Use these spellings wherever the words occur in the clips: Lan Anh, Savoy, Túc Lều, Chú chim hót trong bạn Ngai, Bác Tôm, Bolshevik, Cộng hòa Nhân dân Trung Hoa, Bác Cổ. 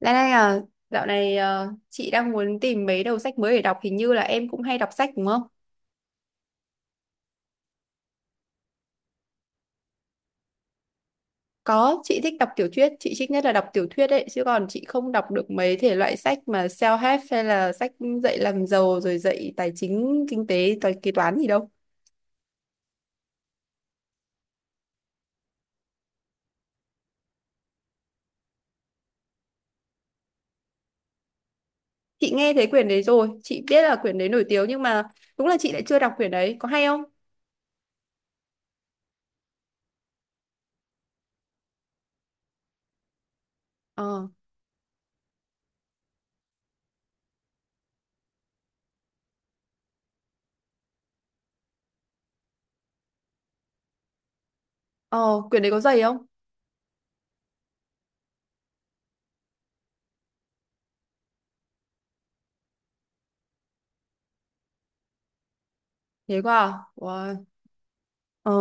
Lan Anh à, dạo này chị đang muốn tìm mấy đầu sách mới để đọc, hình như là em cũng hay đọc sách đúng không? Có, chị thích đọc tiểu thuyết, chị thích nhất là đọc tiểu thuyết ấy, chứ còn chị không đọc được mấy thể loại sách mà self-help hay là sách dạy làm giàu rồi dạy tài chính, kinh tế, toán kế toán gì đâu. Chị nghe thấy quyển đấy rồi, chị biết là quyển đấy nổi tiếng nhưng mà đúng là chị lại chưa đọc quyển đấy, có hay không? Ờ, ờ, Quyển đấy có dày không? Thế quá à? Wow. Ờ.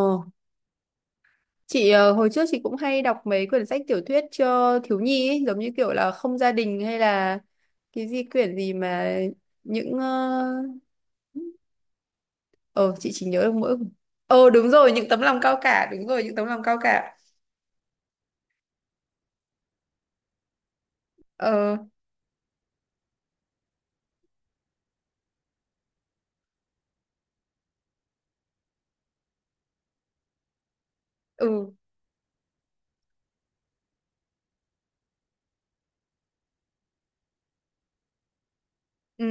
Chị, hồi trước chị cũng hay đọc mấy quyển sách tiểu thuyết cho thiếu nhi ấy, giống như kiểu là Không gia đình hay là cái gì quyển gì mà những ờ ờ, chị chỉ nhớ được mỗi. Đúng rồi, những tấm lòng cao cả, đúng rồi, những tấm lòng cao cả. ờ ừ. Ừ.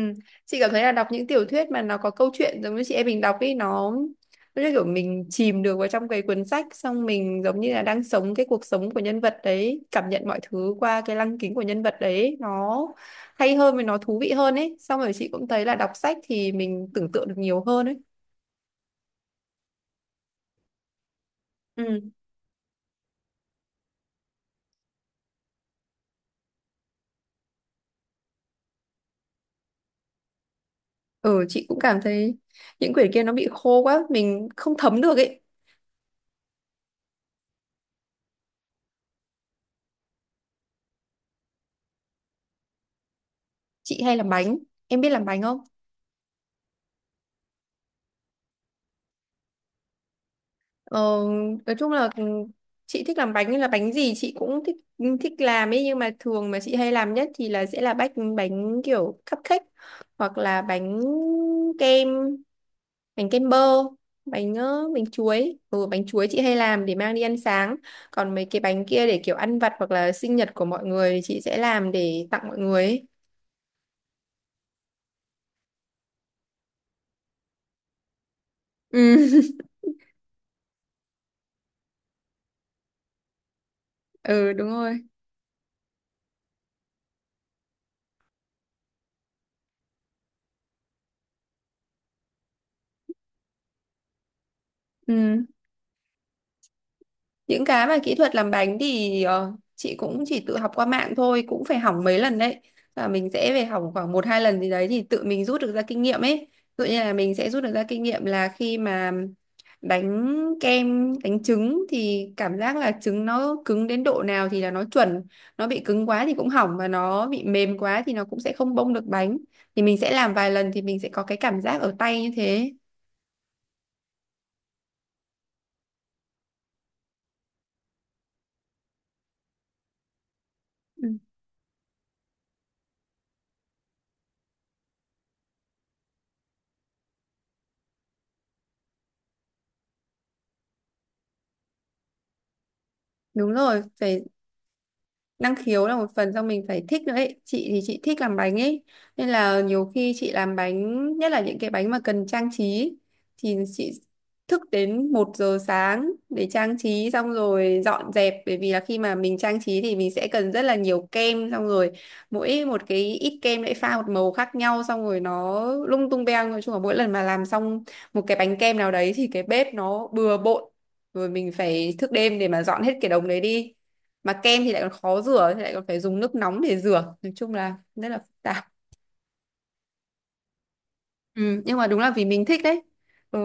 Chị cảm thấy là đọc những tiểu thuyết mà nó có câu chuyện giống như chị em mình đọc ý, nó như kiểu mình chìm được vào trong cái cuốn sách, xong mình giống như là đang sống cái cuộc sống của nhân vật đấy, cảm nhận mọi thứ qua cái lăng kính của nhân vật đấy, nó hay hơn và nó thú vị hơn ấy. Xong rồi chị cũng thấy là đọc sách thì mình tưởng tượng được nhiều hơn ấy. Ừ. Ừ, chị cũng cảm thấy những quyển kia nó bị khô quá, mình không thấm được ấy. Chị hay làm bánh. Em biết làm bánh không? Ờ, nói chung là chị thích làm bánh nên là bánh gì chị cũng thích, thích làm ấy, nhưng mà thường mà chị hay làm nhất thì là sẽ là bánh bánh kiểu cupcake, hoặc là bánh kem, bánh kem bơ, bánh chuối, bánh chuối chị hay làm để mang đi ăn sáng. Còn mấy cái bánh kia để kiểu ăn vặt hoặc là sinh nhật của mọi người thì chị sẽ làm để tặng mọi người ấy. Ừ. Ừ, đúng rồi. Ừ. Những cái mà kỹ thuật làm bánh thì chị cũng chỉ tự học qua mạng thôi, cũng phải hỏng mấy lần đấy, và mình sẽ phải hỏng khoảng một hai lần gì đấy thì tự mình rút được ra kinh nghiệm ấy. Tự nhiên là mình sẽ rút được ra kinh nghiệm là khi mà đánh kem, đánh trứng thì cảm giác là trứng nó cứng đến độ nào thì là nó chuẩn, nó bị cứng quá thì cũng hỏng và nó bị mềm quá thì nó cũng sẽ không bông được bánh, thì mình sẽ làm vài lần thì mình sẽ có cái cảm giác ở tay như thế. Ừ, đúng rồi, phải năng khiếu, là một phần do mình phải thích nữa ấy. Chị thì chị thích làm bánh ấy, nên là nhiều khi chị làm bánh, nhất là những cái bánh mà cần trang trí, thì chị thức đến 1 giờ sáng để trang trí, xong rồi dọn dẹp, bởi vì là khi mà mình trang trí thì mình sẽ cần rất là nhiều kem. Xong rồi mỗi một cái ít kem lại pha một màu khác nhau, xong rồi nó lung tung beng. Nói chung là mỗi lần mà làm xong một cái bánh kem nào đấy thì cái bếp nó bừa bộn, rồi mình phải thức đêm để mà dọn hết cái đống đấy đi, mà kem thì lại còn khó rửa, thì lại còn phải dùng nước nóng để rửa, nói chung là rất là phức tạp. Ừ, nhưng mà đúng là vì mình thích đấy. Ừ.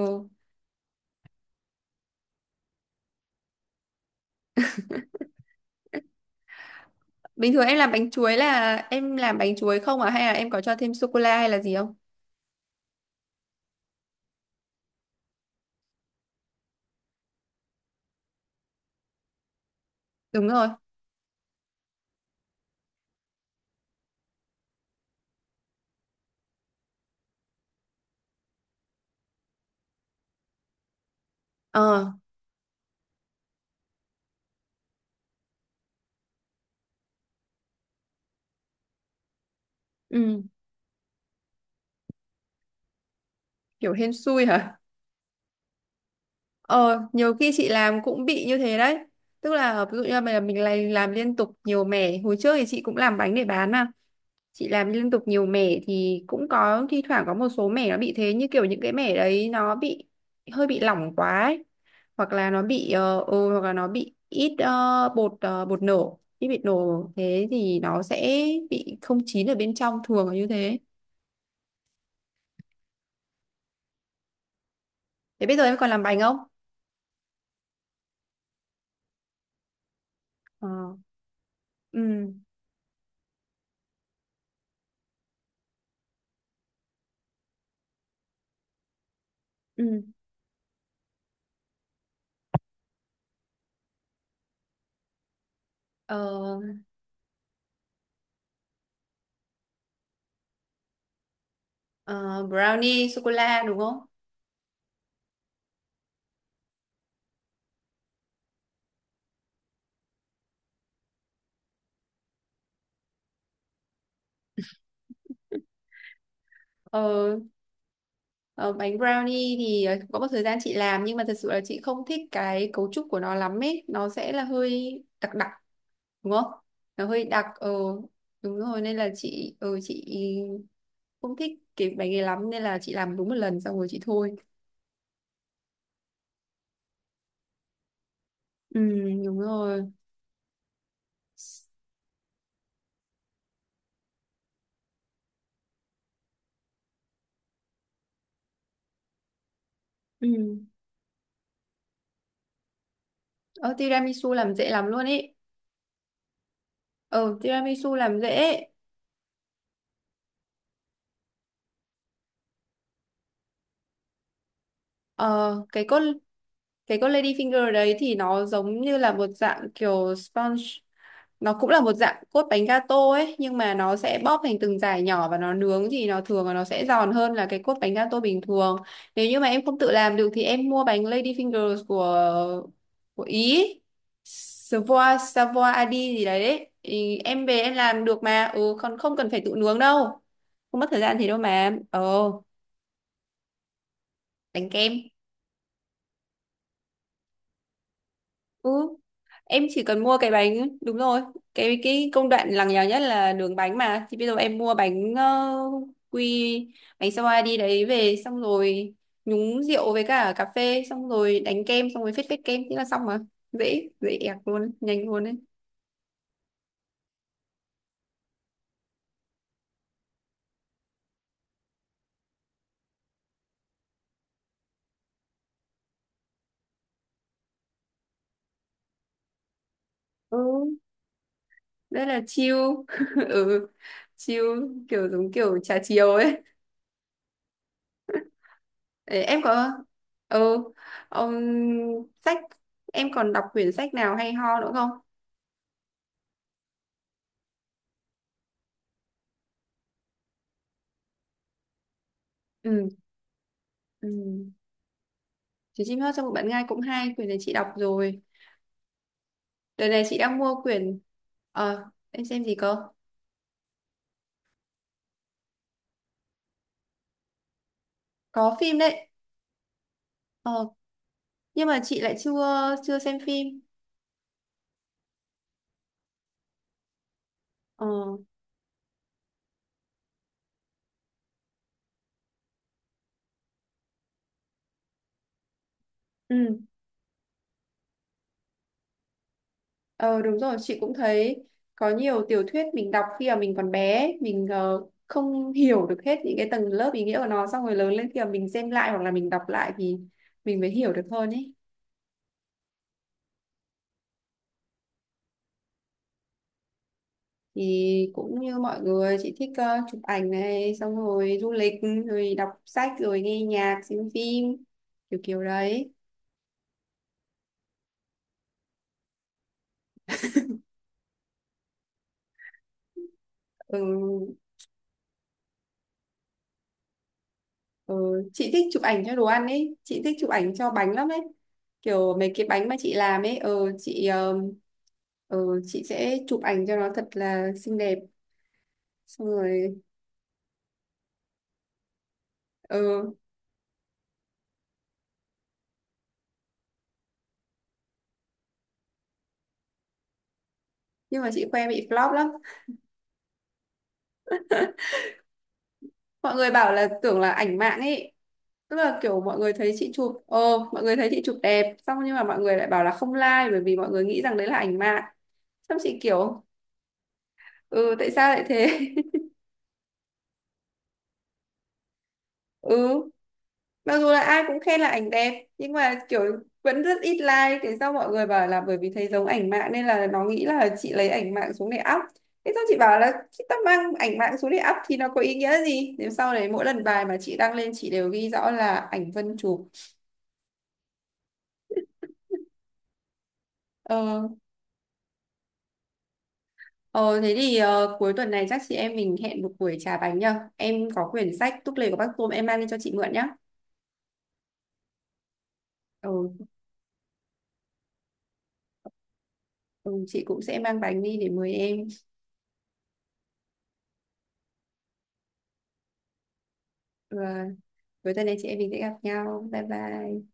Bình thường em làm bánh chuối là em làm bánh chuối không à, hay là em có cho thêm sô cô la hay là gì không? Đúng rồi. ờ ừ. Kiểu hên xui hả? Ờ Nhiều khi chị làm cũng bị như thế đấy, tức là ví dụ như là mình lại làm liên tục nhiều mẻ. Hồi trước thì chị cũng làm bánh để bán mà, chị làm liên tục nhiều mẻ thì cũng có thi thoảng có một số mẻ nó bị thế, như kiểu những cái mẻ đấy nó bị hơi bị lỏng quá ấy, hoặc là nó bị hoặc là nó bị ít bột nổ, ít bị nổ thế thì nó sẽ bị không chín ở bên trong, thường là như thế. Thế bây giờ em còn làm bánh không? ờ ừ. Ừ. ờ, ờ, Brownie sô cô la đúng không? Ờ, ờ, Bánh brownie thì có một thời gian chị làm, nhưng mà thật sự là chị không thích cái cấu trúc của nó lắm ấy, nó sẽ là hơi đặc đặc, đúng không? Nó hơi đặc. Ờ Đúng rồi, nên là chị không thích cái bánh này lắm, nên là chị làm đúng một lần xong rồi chị thôi. Ừ, đúng rồi. Ừ. ờ Tiramisu làm dễ lắm luôn ấy. Ờ Tiramisu làm dễ. ờ cái con cái con lady finger đấy thì nó giống như là một dạng kiểu sponge, nó cũng là một dạng cốt bánh gato ấy, nhưng mà nó sẽ bóp thành từng dải nhỏ và nó nướng thì nó thường là nó sẽ giòn hơn là cái cốt bánh gato bình thường. Nếu như mà em không tự làm được thì em mua bánh Lady Fingers của Ý, Savoy, Savoy Adi gì đấy, đấy. Thì em về em làm được mà, ừ, còn không cần phải tự nướng đâu, không mất thời gian thì đâu mà. Ờ Đánh kem. Ừ. Em chỉ cần mua cái bánh. Đúng rồi, cái công đoạn lằng nhằng nhất là đường bánh mà, thì bây giờ em mua bánh quy, bánh sao đi đấy về, xong rồi nhúng rượu với cả cà phê, xong rồi đánh kem, xong rồi phết phết kem, thế là xong mà, dễ dễ ẹc luôn, nhanh luôn đấy. Ừ, rất là chill. Ừ, chill, kiểu giống kiểu trà chiều ấy. Đấy, em có. Ừ ông sách Em còn đọc quyển sách nào hay ho nữa không? Ừ. Ừ. Chú chim hót trong bạn Ngai cũng hay, quyển này chị đọc rồi. Đợt này chị đang mua quyển. ờ em xem gì cơ? Có phim đấy. ờ nhưng mà chị lại chưa chưa xem phim. ờ ừ. ờ Đúng rồi, chị cũng thấy có nhiều tiểu thuyết mình đọc khi mà mình còn bé ấy, mình không hiểu được hết những cái tầng lớp ý nghĩa của nó, xong rồi lớn lên khi mà mình xem lại hoặc là mình đọc lại thì mình mới hiểu được hơn ấy. Thì cũng như mọi người, chị thích chụp ảnh này, xong rồi du lịch, rồi đọc sách, rồi nghe nhạc, xem phim, kiểu kiểu đấy. Ừ. Ừ. Chị thích chụp ảnh cho đồ ăn ấy, chị thích chụp ảnh cho bánh lắm ấy, kiểu mấy cái bánh mà chị làm ấy, ừ, chị sẽ chụp ảnh cho nó thật là xinh đẹp xong rồi. Ừ. Nhưng mà chị khoe bị flop lắm, mọi người bảo là tưởng là ảnh mạng ấy, tức là kiểu mọi người thấy chị chụp ờ mọi người thấy chị chụp đẹp xong, nhưng mà mọi người lại bảo là không like, bởi vì mọi người nghĩ rằng đấy là ảnh mạng. Xong chị kiểu, ừ, tại sao lại thế? Ừ, mặc dù là ai cũng khen là ảnh đẹp nhưng mà kiểu vẫn rất ít like. Thế sau mọi người bảo là bởi vì thấy giống ảnh mạng nên là nó nghĩ là chị lấy ảnh mạng xuống để up, thế xong chị bảo là chị ta mang ảnh mạng xuống để up thì nó có ý nghĩa gì, nếu sau đấy mỗi lần bài mà chị đăng lên chị đều ghi rõ là ảnh Vân chụp. Ờ, Ờ, thế thì cuối tuần này chắc chị em mình hẹn một buổi trà bánh nhá. Em có quyển sách Túc Lều của Bác Tôm em mang đi cho chị mượn nhá. Ừ, ừ, chị cũng sẽ mang bánh đi để mời em. Ừ, cuối tuần này chị em mình sẽ gặp nhau. Bye bye.